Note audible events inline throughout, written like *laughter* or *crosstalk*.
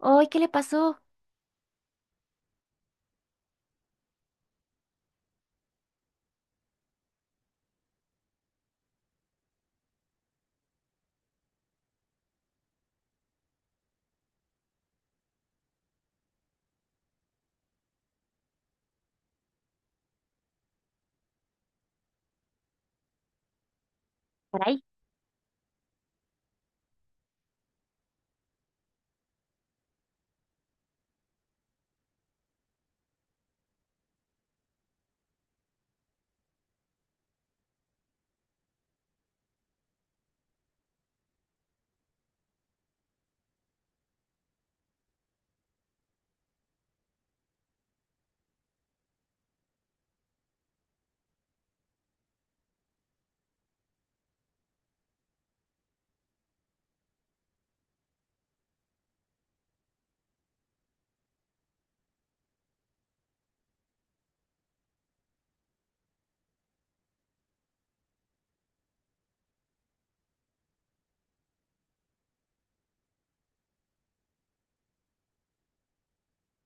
Ay, ¿qué le pasó? Por ahí.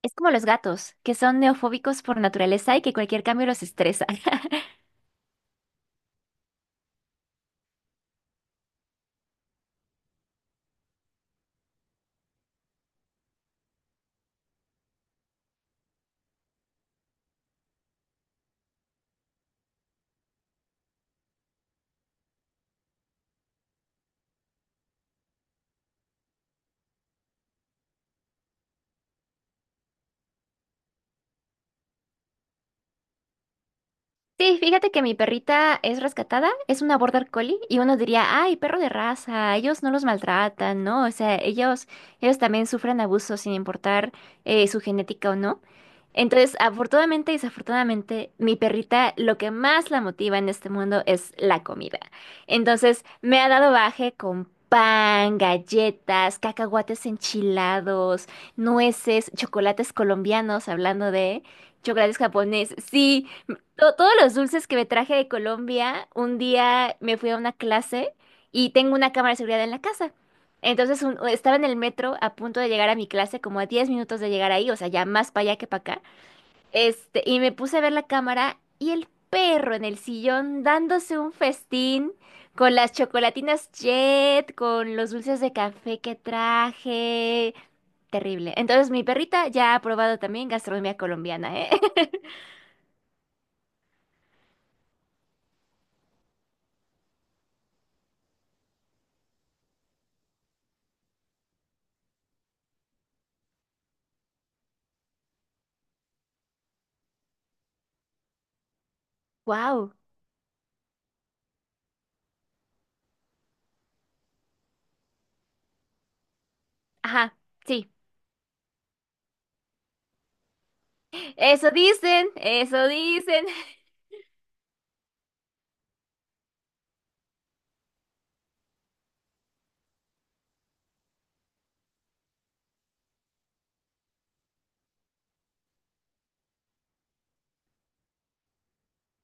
Es como los gatos, que son neofóbicos por naturaleza y que cualquier cambio los estresa. *laughs* Sí, fíjate que mi perrita es rescatada, es una border collie y uno diría, ay, perro de raza, ellos no los maltratan, ¿no? O sea, ellos también sufren abuso sin importar su genética o no. Entonces, afortunadamente y desafortunadamente, mi perrita lo que más la motiva en este mundo es la comida. Entonces, me ha dado baje con pan, galletas, cacahuates enchilados, nueces, chocolates colombianos, hablando de chocolates japoneses. Sí, todos los dulces que me traje de Colombia, un día me fui a una clase y tengo una cámara de seguridad en la casa. Entonces estaba en el metro a punto de llegar a mi clase, como a 10 minutos de llegar ahí, o sea, ya más para allá que para acá. Este, y me puse a ver la cámara y el perro en el sillón dándose un festín con las chocolatinas Jet, con los dulces de café que traje. Terrible. Entonces, mi perrita ya ha probado también gastronomía colombiana, ¿eh? *laughs* Wow. Ajá, sí. Eso dicen, eso dicen. *laughs*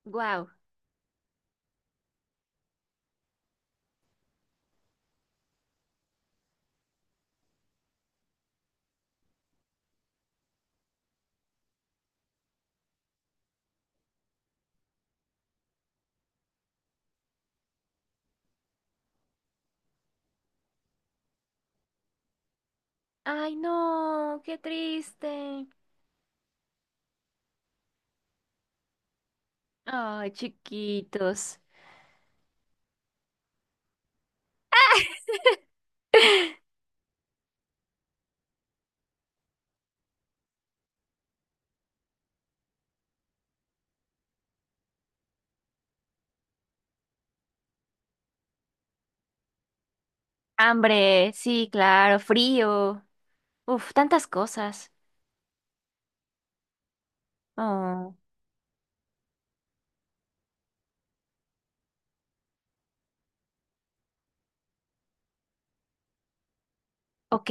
Wow. Ay, no, qué triste. Ay, chiquitos. *laughs* Hambre, sí, claro, frío. Uf, tantas cosas. Oh, ok.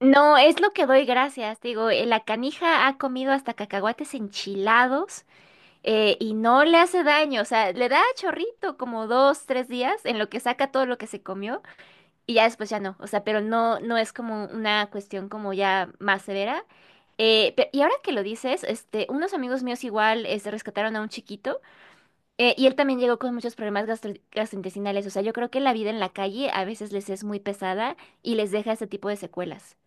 No, es lo que doy gracias. Digo, la canija ha comido hasta cacahuates enchilados y no le hace daño. O sea, le da chorrito como dos, tres días en lo que saca todo lo que se comió y ya después ya no. O sea, pero no, no es como una cuestión como ya más severa. Y ahora que lo dices, este, unos amigos míos igual este, rescataron a un chiquito. Y él también llegó con muchos problemas gastrointestinales. O sea, yo creo que la vida en la calle a veces les es muy pesada y les deja ese tipo de secuelas.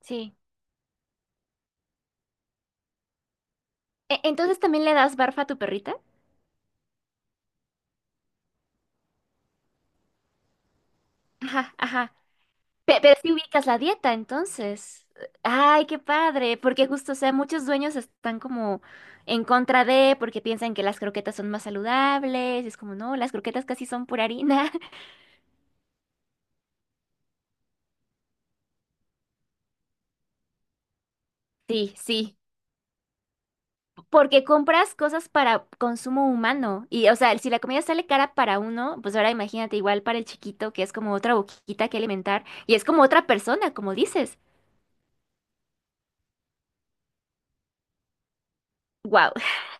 Sí. Entonces, ¿también le das barfa a tu perrita? Ajá, ajá. Pero si ubicas la dieta, entonces. Ay, qué padre, porque justo, o sea, muchos dueños están como en contra de, porque piensan que las croquetas son más saludables, y es como, no, las croquetas casi son pura harina. *laughs* Sí, sí. Porque compras cosas para consumo humano. Y, o sea, si la comida sale cara para uno, pues ahora imagínate igual para el chiquito, que es como otra boquita que alimentar. Y es como otra persona, como dices. Wow. *laughs*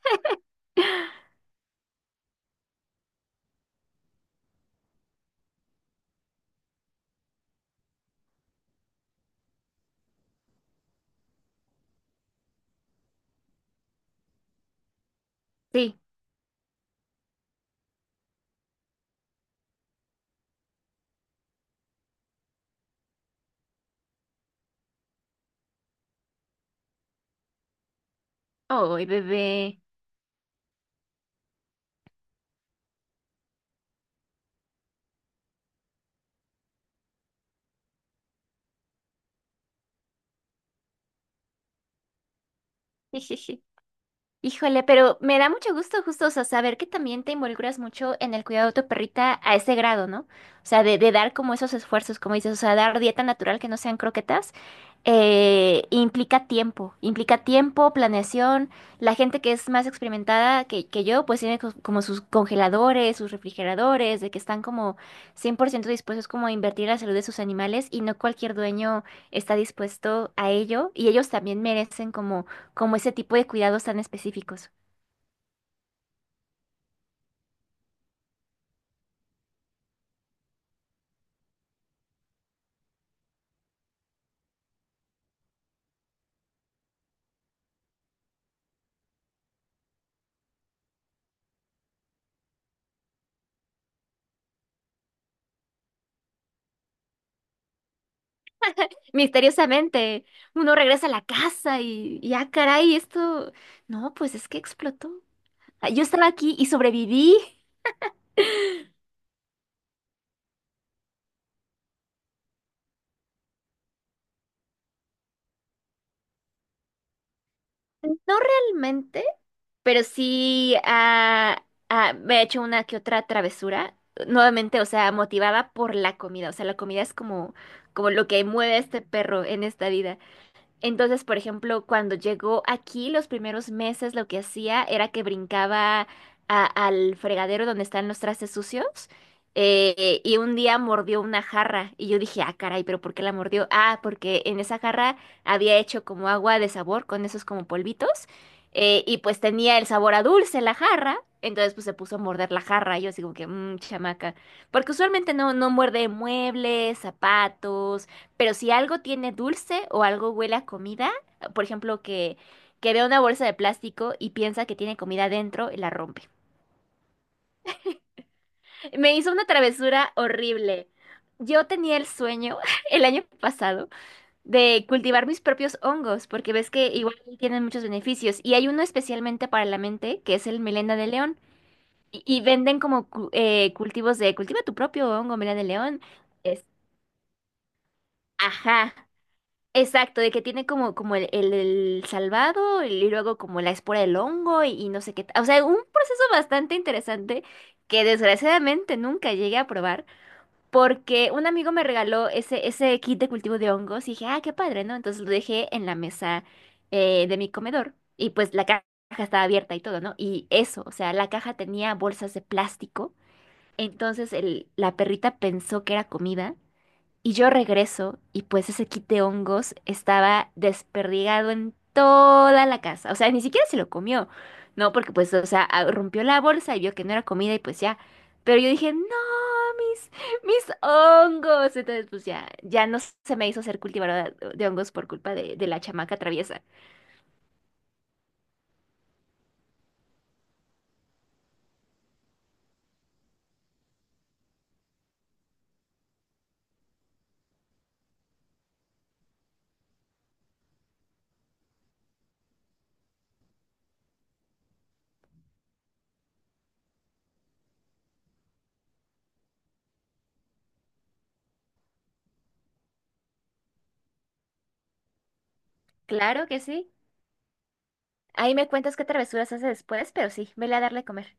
Sí. Oh, bebé. *laughs* Híjole, pero me da mucho gusto justo, o sea, saber que también te involucras mucho en el cuidado de tu perrita a ese grado, ¿no? O sea, de dar como esos esfuerzos, como dices, o sea, dar dieta natural que no sean croquetas, implica tiempo, planeación. La gente que es más experimentada que yo, pues tiene como sus congeladores, sus refrigeradores, de que están como 100% dispuestos como a invertir en la salud de sus animales y no cualquier dueño está dispuesto a ello y ellos también merecen como como ese tipo de cuidados tan específicos. Misteriosamente, uno regresa a la casa y ah, caray, esto, no, pues es que explotó. Ah, yo estaba aquí y sobreviví. *laughs* No realmente, pero sí ah, ah, me he hecho una que otra travesura. Nuevamente, o sea, motivada por la comida. O sea, la comida es como, como lo que mueve a este perro en esta vida. Entonces, por ejemplo, cuando llegó aquí, los primeros meses lo que hacía era que brincaba al fregadero donde están los trastes sucios y un día mordió una jarra y yo dije, ah, caray, pero ¿por qué la mordió? Ah, porque en esa jarra había hecho como agua de sabor con esos como polvitos y pues tenía el sabor a dulce la jarra. Entonces pues se puso a morder la jarra y yo así como que, mmm, chamaca. Porque usualmente no, no muerde muebles, zapatos, pero si algo tiene dulce o algo huele a comida, por ejemplo, que vea una bolsa de plástico y piensa que tiene comida dentro y la rompe. Me hizo una travesura horrible. Yo tenía el sueño *laughs* el año pasado de cultivar mis propios hongos, porque ves que igual tienen muchos beneficios. Y hay uno especialmente para la mente, que es el melena de león. Y venden como cultivos de cultiva tu propio hongo, melena de león. Es, ajá. Exacto, de que tiene como, como el salvado y luego como la espora del hongo y no sé qué. Ta- O sea, un proceso bastante interesante que desgraciadamente nunca llegué a probar porque un amigo me regaló ese kit de cultivo de hongos y dije, ah, qué padre, ¿no? Entonces lo dejé en la mesa de mi comedor y pues la caja estaba abierta y todo, ¿no? Y eso, o sea, la caja tenía bolsas de plástico, entonces el, la perrita pensó que era comida. Y yo regreso y pues ese kit de hongos estaba desperdigado en toda la casa. O sea, ni siquiera se lo comió, ¿no? Porque pues, o sea, rompió la bolsa y vio que no era comida y pues ya. Pero yo dije, no, mis, mis hongos. Entonces pues ya, ya no se me hizo ser cultivadora de hongos por culpa de la chamaca traviesa. Claro que sí. Ahí me cuentas qué travesuras hace después, pero sí, vele a darle a comer.